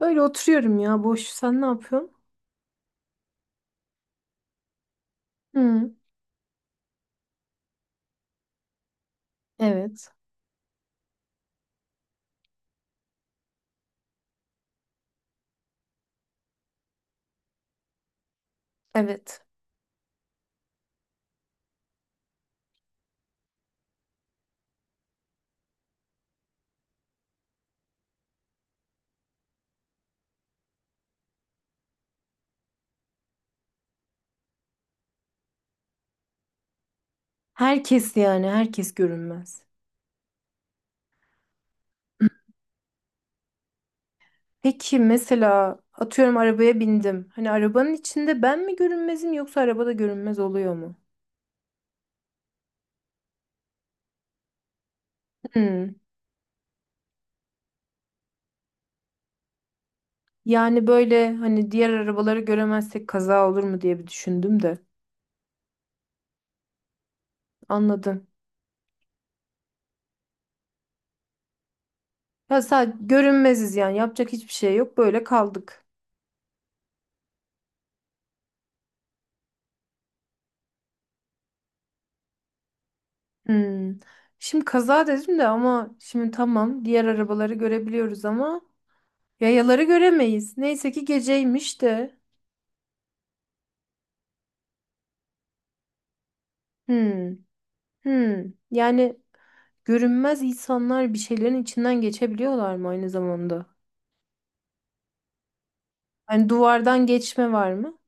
Öyle oturuyorum ya, boş. Sen ne yapıyorsun? Hı. Evet. Evet. Herkes, yani herkes görünmez. Peki, mesela atıyorum, arabaya bindim. Hani arabanın içinde ben mi görünmezim, yoksa arabada görünmez oluyor mu? Hı. Yani böyle, hani diğer arabaları göremezsek kaza olur mu diye bir düşündüm de. Anladım. Ya sadece görünmeziz yani, yapacak hiçbir şey yok, böyle kaldık. Hı. Şimdi kaza dedim de ama şimdi, tamam, diğer arabaları görebiliyoruz ama yayaları göremeyiz. Neyse ki geceymiş de. Hmm. Hmm. Yani görünmez insanlar bir şeylerin içinden geçebiliyorlar mı aynı zamanda? Hani duvardan geçme var mı?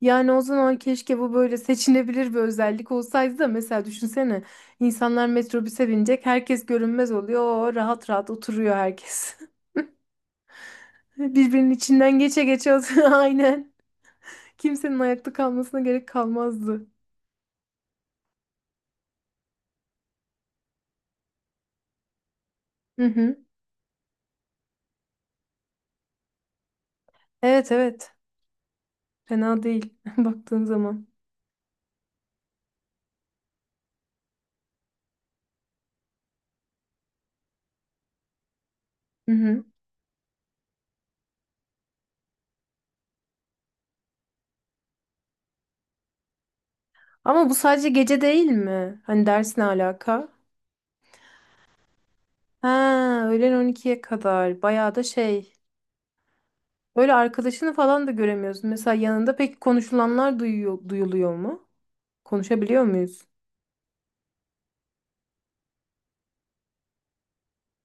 Yani o zaman keşke bu böyle seçinebilir bir özellik olsaydı da, mesela düşünsene, insanlar metrobüse binecek, herkes görünmez oluyor, Oo, rahat rahat oturuyor herkes. Birbirinin içinden geçe geçe oturuyor, aynen. Kimsenin ayakta kalmasına gerek kalmazdı. Hı hı. Evet, evet, fena değil baktığın zaman. Hı hı. Ama bu sadece gece değil mi? Hani ders ne alaka? Ha, öğlen 12'ye kadar. Bayağı da şey. Böyle arkadaşını falan da göremiyorsun. Mesela yanında, peki konuşulanlar duyuluyor mu? Konuşabiliyor muyuz?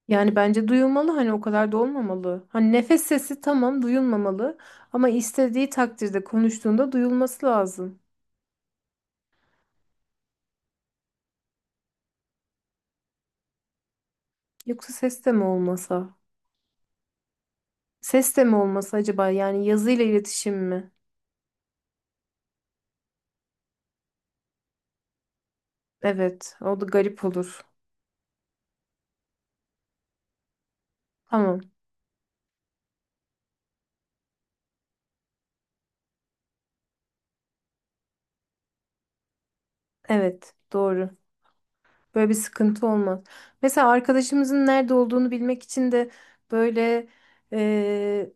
Yani bence duyulmalı, hani o kadar da olmamalı. Hani nefes sesi, tamam, duyulmamalı ama istediği takdirde konuştuğunda duyulması lazım. Yoksa ses de mi olmasa? Ses de mi olmasa acaba, yani yazıyla iletişim mi? Evet, o da garip olur. Tamam. Evet, doğru. Böyle bir sıkıntı olmaz. Mesela arkadaşımızın nerede olduğunu bilmek için de böyle e,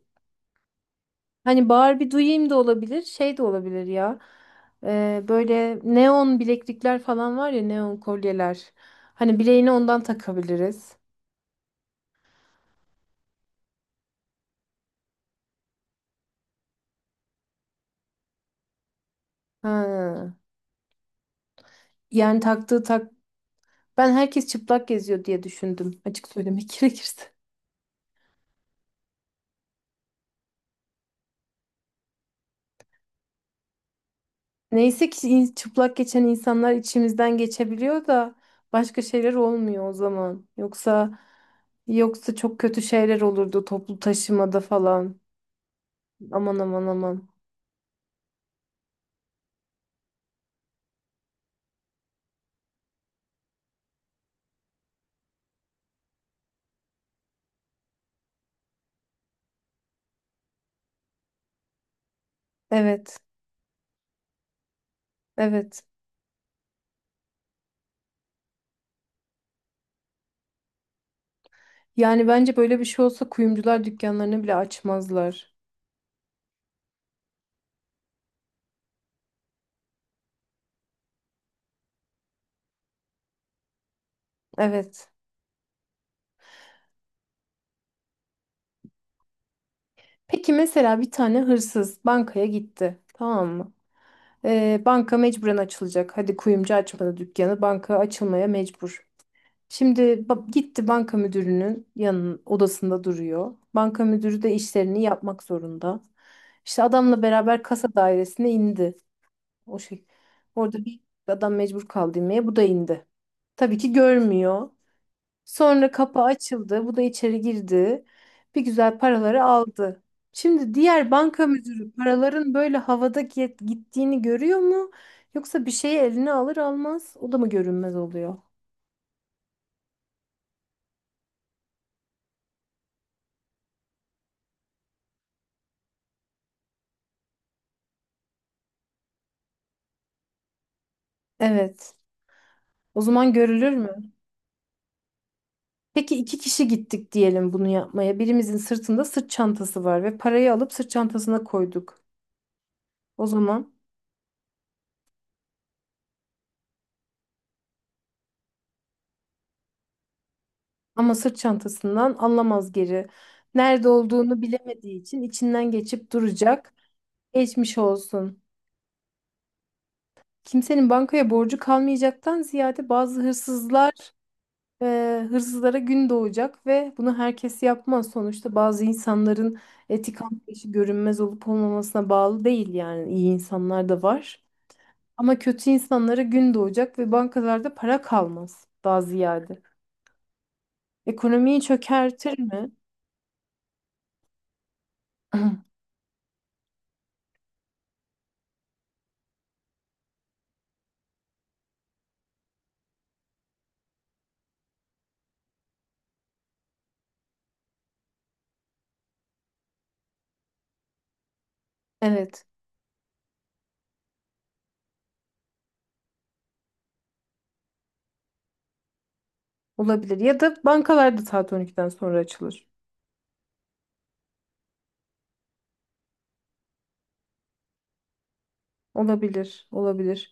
hani bağır bir duyayım da olabilir, şey de olabilir ya. Böyle neon bileklikler falan var ya, neon kolyeler. Hani bileğine ondan takabiliriz. Ha. Yani taktığı tak. Ben herkes çıplak geziyor diye düşündüm. Açık söylemek gerekirse. Neyse ki çıplak geçen insanlar içimizden geçebiliyor da başka şeyler olmuyor o zaman. Yoksa çok kötü şeyler olurdu toplu taşımada falan. Aman aman aman. Evet. Evet. Yani bence böyle bir şey olsa kuyumcular dükkanlarını bile açmazlar. Evet. Peki mesela bir tane hırsız bankaya gitti. Tamam mı? Banka mecburen açılacak. Hadi kuyumcu açmadı dükkanı. Banka açılmaya mecbur. Şimdi gitti, banka müdürünün yanın odasında duruyor. Banka müdürü de işlerini yapmak zorunda. İşte adamla beraber kasa dairesine indi. O şey. Orada bir adam mecbur kaldı inmeye. Bu da indi. Tabii ki görmüyor. Sonra kapı açıldı. Bu da içeri girdi. Bir güzel paraları aldı. Şimdi diğer banka müdürü paraların böyle havada gittiğini görüyor mu? Yoksa bir şeyi eline alır almaz o da mı görünmez oluyor? Evet. O zaman görülür mü? Peki iki kişi gittik diyelim bunu yapmaya. Birimizin sırtında sırt çantası var ve parayı alıp sırt çantasına koyduk. O zaman ama sırt çantasından anlamaz geri. Nerede olduğunu bilemediği için içinden geçip duracak. Geçmiş olsun. Kimsenin bankaya borcu kalmayacaktan ziyade, bazı hırsızlar hırsızlara gün doğacak ve bunu herkes yapmaz. Sonuçta bazı insanların etik anlayışı görünmez olup olmamasına bağlı değil, yani iyi insanlar da var. Ama kötü insanlara gün doğacak ve bankalarda para kalmaz, daha ziyade. Ekonomiyi çökertir mi? Evet, olabilir. Ya da bankalar da saat 12'den sonra açılır. Olabilir, olabilir.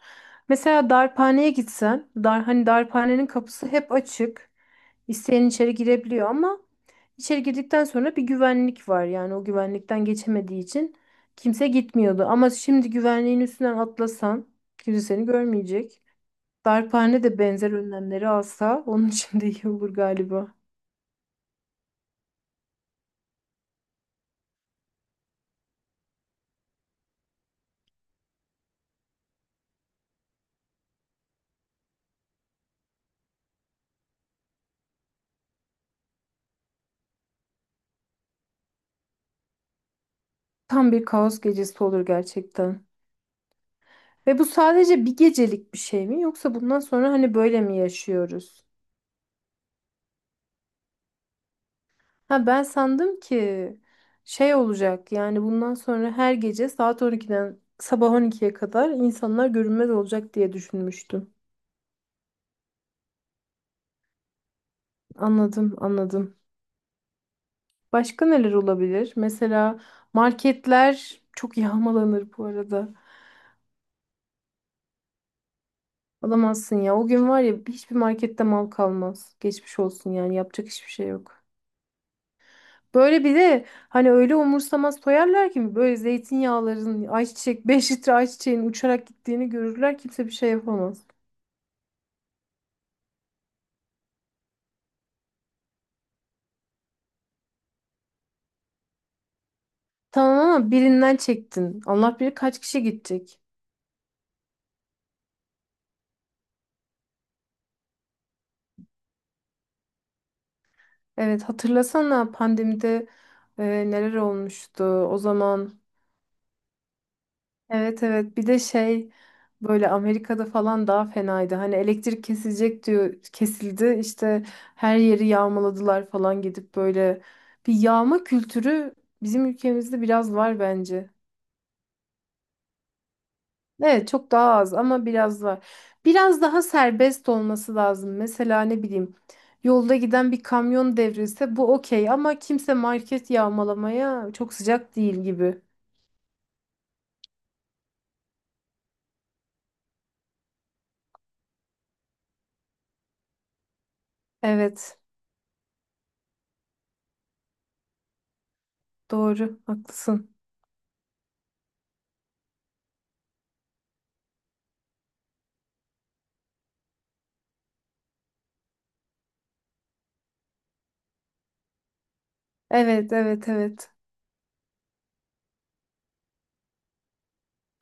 Mesela darphaneye gitsen, hani darphanenin kapısı hep açık. İsteyen içeri girebiliyor ama içeri girdikten sonra bir güvenlik var. Yani o güvenlikten geçemediği için kimse gitmiyordu. Ama şimdi güvenliğin üstünden atlasan kimse seni görmeyecek. Darphane de benzer önlemleri alsa onun için de iyi olur galiba. Tam bir kaos gecesi olur gerçekten. Ve bu sadece bir gecelik bir şey mi, yoksa bundan sonra hani böyle mi yaşıyoruz? Ha, ben sandım ki şey olacak, yani bundan sonra her gece saat 12'den sabah 12'ye kadar insanlar görünmez olacak diye düşünmüştüm. Anladım, anladım. Başka neler olabilir? Mesela marketler çok yağmalanır bu arada. Alamazsın ya. O gün var ya, hiçbir markette mal kalmaz. Geçmiş olsun, yani yapacak hiçbir şey yok. Böyle bir de hani öyle umursamaz soyarlar ki böyle zeytinyağların, ayçiçek, 5 litre ayçiçeğin uçarak gittiğini görürler, kimse bir şey yapamaz. Tamam ama birinden çektin. Allah bilir kaç kişi gidecek. Evet, hatırlasana, pandemide neler olmuştu o zaman. Evet, evet, bir de şey, böyle Amerika'da falan daha fenaydı. Hani elektrik kesilecek diyor, kesildi işte, her yeri yağmaladılar falan, gidip böyle bir yağma kültürü bizim ülkemizde biraz var bence. Evet, çok daha az ama biraz var. Biraz daha serbest olması lazım. Mesela ne bileyim, yolda giden bir kamyon devrilse bu okey ama kimse market yağmalamaya çok sıcak değil gibi. Evet, doğru, haklısın. Evet, evet, evet.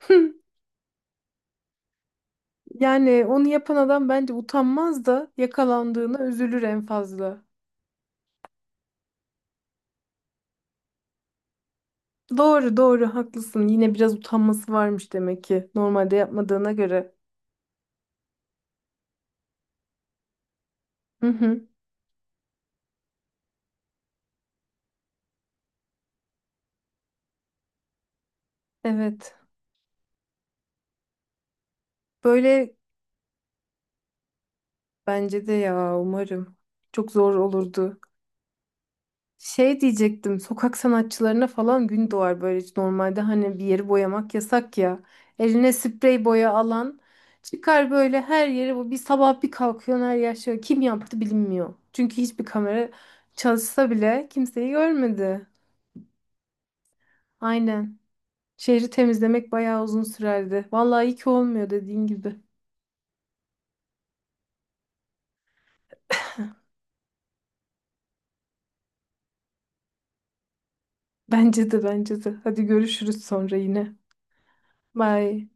Yani onu yapan adam bence utanmaz da yakalandığına üzülür en fazla. Doğru doğru haklısın. Yine biraz utanması varmış demek ki normalde yapmadığına göre. Hı hı. Evet. Böyle, bence de ya umarım. Çok zor olurdu. Şey diyecektim, sokak sanatçılarına falan gün doğar böyle. Normalde hani bir yeri boyamak yasak ya. Eline sprey boya alan çıkar böyle, her yeri, bu bir sabah bir kalkıyor her yer şey. Kim yaptı bilinmiyor. Çünkü hiçbir kamera çalışsa bile kimseyi görmedi. Aynen. Şehri temizlemek bayağı uzun sürerdi. Vallahi iyi ki olmuyor dediğin gibi. Bence de, bence de. Hadi görüşürüz sonra yine. Bye.